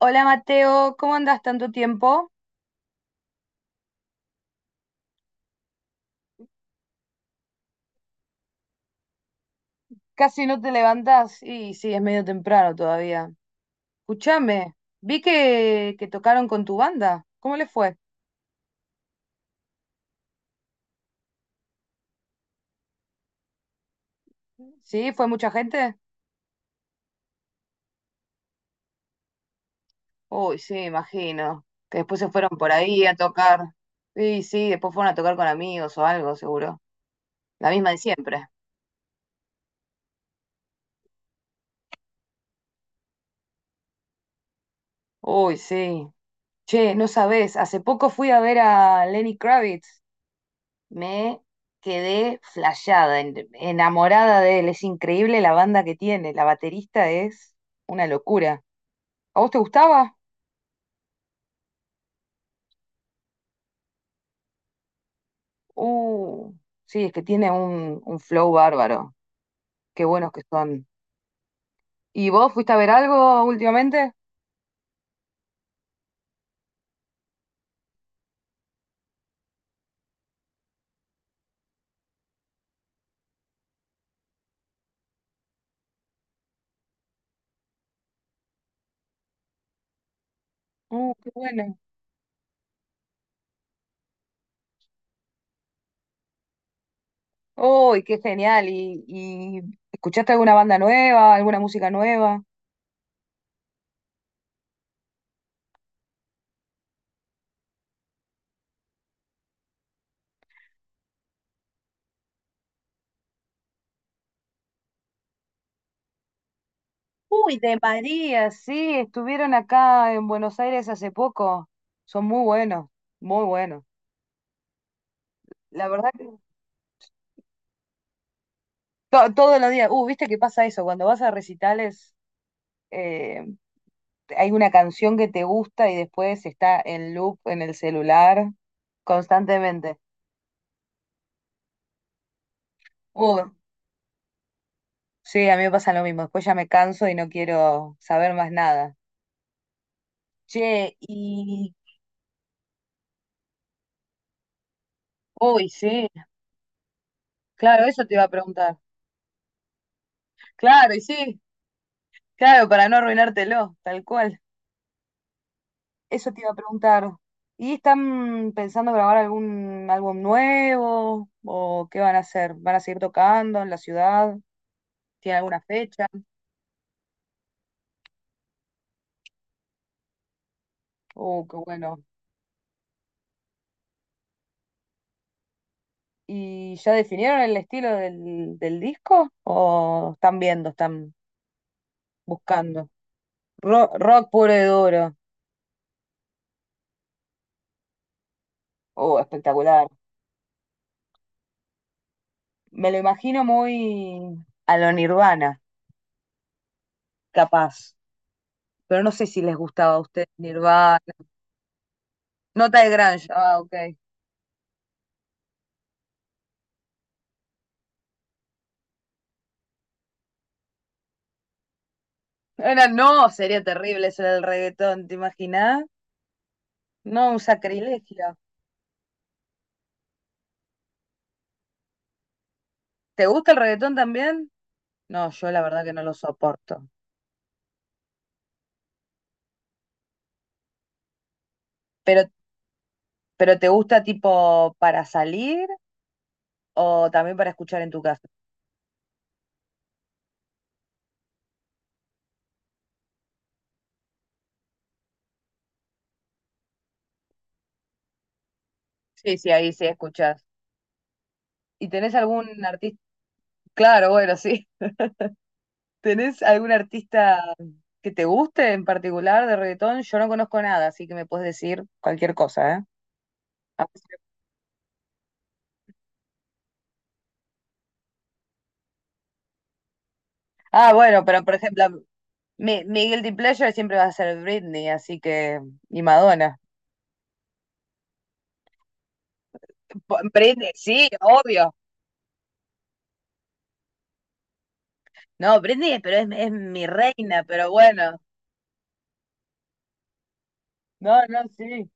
Hola Mateo, ¿cómo andas? Tanto tiempo. Casi no te levantas, y sí, es medio temprano todavía. Escúchame, vi que tocaron con tu banda. ¿Cómo les fue? ¿Sí? ¿Fue mucha gente? Uy, sí, imagino. Que después se fueron por ahí a tocar. Sí, sí, después fueron a tocar con amigos o algo, seguro. La misma de siempre. Uy, sí. Che, no sabés, hace poco fui a ver a Lenny Kravitz. Me quedé flasheada, enamorada de él. Es increíble la banda que tiene. La baterista es una locura. ¿A vos te gustaba? Uh, sí, es que tiene un flow bárbaro. Qué buenos que son. ¿Y vos fuiste a ver algo últimamente? Qué bueno. Uy, qué genial. Y escuchaste alguna banda nueva, alguna música nueva? Uy, de María, sí, estuvieron acá en Buenos Aires hace poco. Son muy buenos, muy buenos. La verdad que todos los días. Viste que pasa eso, cuando vas a recitales, eh, hay una canción que te gusta y después está en loop en el celular constantemente. Uh, sí, a mí me pasa lo mismo. Después ya me canso y no quiero saber más nada. Che, y. Uy, sí, claro, eso te iba a preguntar. Claro, y sí, claro, para no arruinártelo, tal cual. Eso te iba a preguntar. ¿Y están pensando grabar algún álbum nuevo? ¿O qué van a hacer? ¿Van a seguir tocando en la ciudad? ¿Tiene alguna fecha? Oh, qué bueno. ¿Y ya definieron el estilo del disco? ¿O están viendo, están buscando? Rock puro y duro. Oh, espectacular. Me lo imagino muy a lo Nirvana, capaz. Pero no sé si les gustaba a ustedes Nirvana. Nota de grunge. Ah, ok. Era, no, sería terrible eso del reggaetón, ¿te imaginas? No, un sacrilegio. ¿Te gusta el reggaetón también? No, yo la verdad que no lo soporto. Pero, pero ¿te gusta tipo para salir o también para escuchar en tu casa? Sí, sí, ahí sí escuchas. ¿Y tenés algún artista? Claro, bueno, sí. ¿Tenés algún artista que te guste en particular de reggaetón? Yo no conozco nada, así que me puedes decir cualquier cosa, ¿eh? Ah, bueno, pero por ejemplo, mi guilty pleasure siempre va a ser Britney, así que. Y Madonna. Britney, sí, obvio. No, Britney, pero es mi reina, pero bueno. No, no, sí.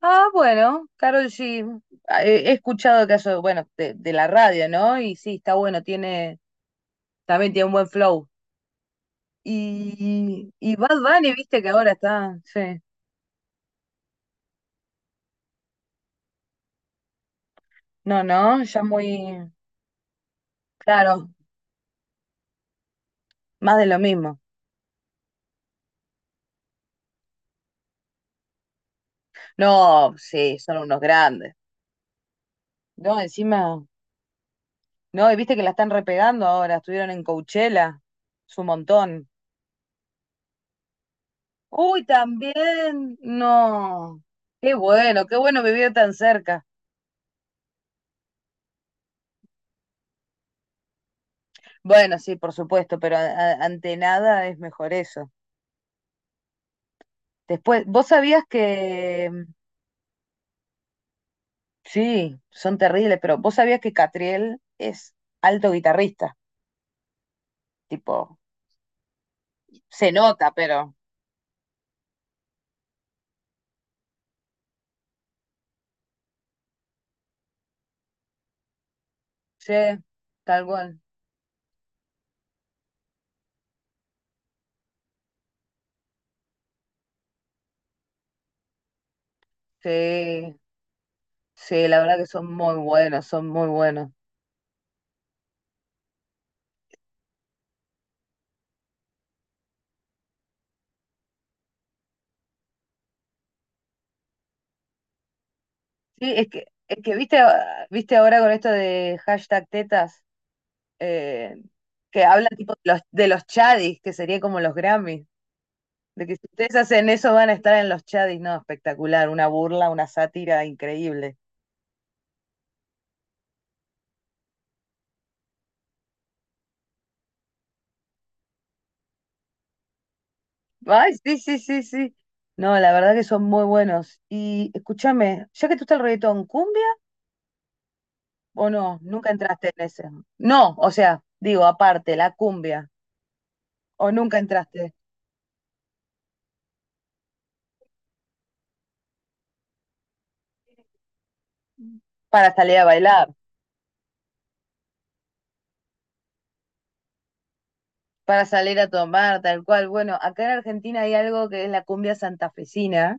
Ah, bueno, Karol G. Ah, he escuchado caso, bueno, de la radio, ¿no? Y sí, está bueno, tiene, también tiene un buen flow. Y Bad Bunny, viste que ahora está, sí. No, no, ya muy, claro, más de lo mismo. No, sí, son unos grandes. No, encima. No, y viste que la están repegando ahora, estuvieron en Coachella, es un montón. Uy, también, no. Qué bueno vivir tan cerca. Bueno, sí, por supuesto, pero ante nada es mejor eso. Después, vos sabías que, sí, son terribles, pero vos sabías que Catriel es alto guitarrista, tipo, se nota, pero... Sí, tal cual. Sí, sí, la verdad que son muy buenos, son muy buenos. Sí, es que viste, ah, viste ahora con esto de hashtag tetas, eh, que habla tipo de los chadis, que sería como los Grammys, de que si ustedes hacen eso van a estar en los chadis, no, espectacular, una burla, una sátira increíble. Ay, sí, sí, sí, sí. No, la verdad que son muy buenos. Y escúchame, ya que tú estás el reggaetón, ¿cumbia o no? Nunca entraste en ese. No, o sea, digo, aparte, la cumbia, o nunca entraste para salir a bailar. Para salir a tomar, tal cual. Bueno, acá en Argentina hay algo que es la cumbia santafesina,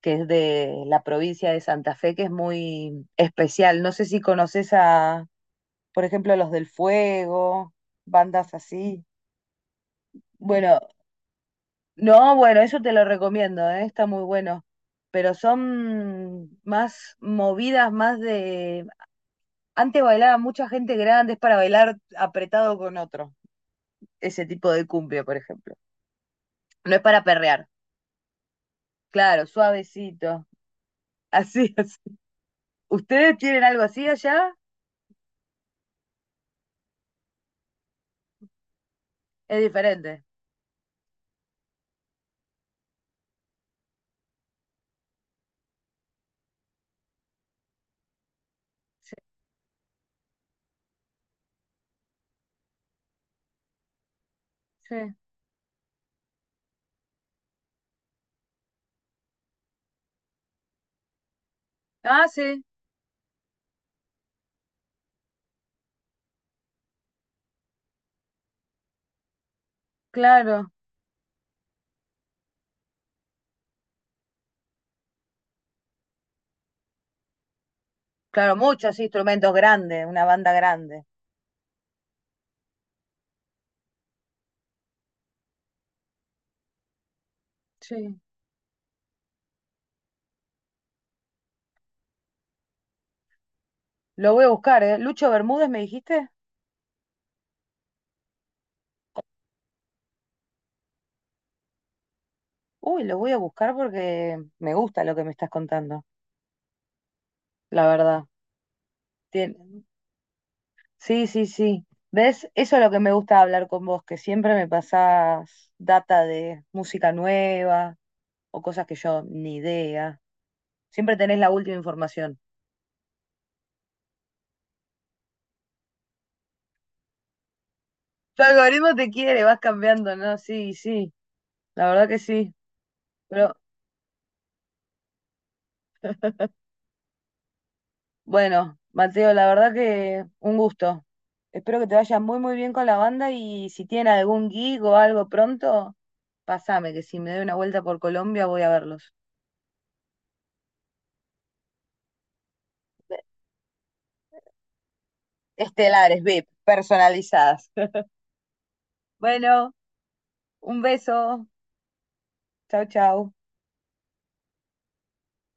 que es de la provincia de Santa Fe, que es muy especial. No sé si conoces a, por ejemplo, Los del Fuego, bandas así. Bueno, no, bueno, eso te lo recomiendo, ¿eh? Está muy bueno. Pero son más movidas, más de... Antes bailaba mucha gente grande, es para bailar apretado con otro. Ese tipo de cumbia, por ejemplo. No es para perrear. Claro, suavecito. Así, así. ¿Ustedes tienen algo así allá? Es diferente. Sí, sí. Ah, sí, claro. Claro, muchos instrumentos grandes, una banda grande. Sí. Lo voy a buscar, ¿eh? Lucho Bermúdez, ¿me dijiste? Uy, lo voy a buscar porque me gusta lo que me estás contando, la verdad. Tien- Sí, sí, sí. ¿Ves? Eso es lo que me gusta hablar con vos, que siempre me pasás data de música nueva o cosas que yo ni idea. Siempre tenés la última información. Tu algoritmo te quiere, vas cambiando, ¿no? Sí, sí, la verdad que sí. Pero bueno, Mateo, la verdad que un gusto. Espero que te vaya muy, muy bien con la banda y si tienen algún gig o algo pronto, pasame, que si me doy una vuelta por Colombia voy a verlos. Estelares, VIP, personalizadas. Bueno, un beso. Chau, chau.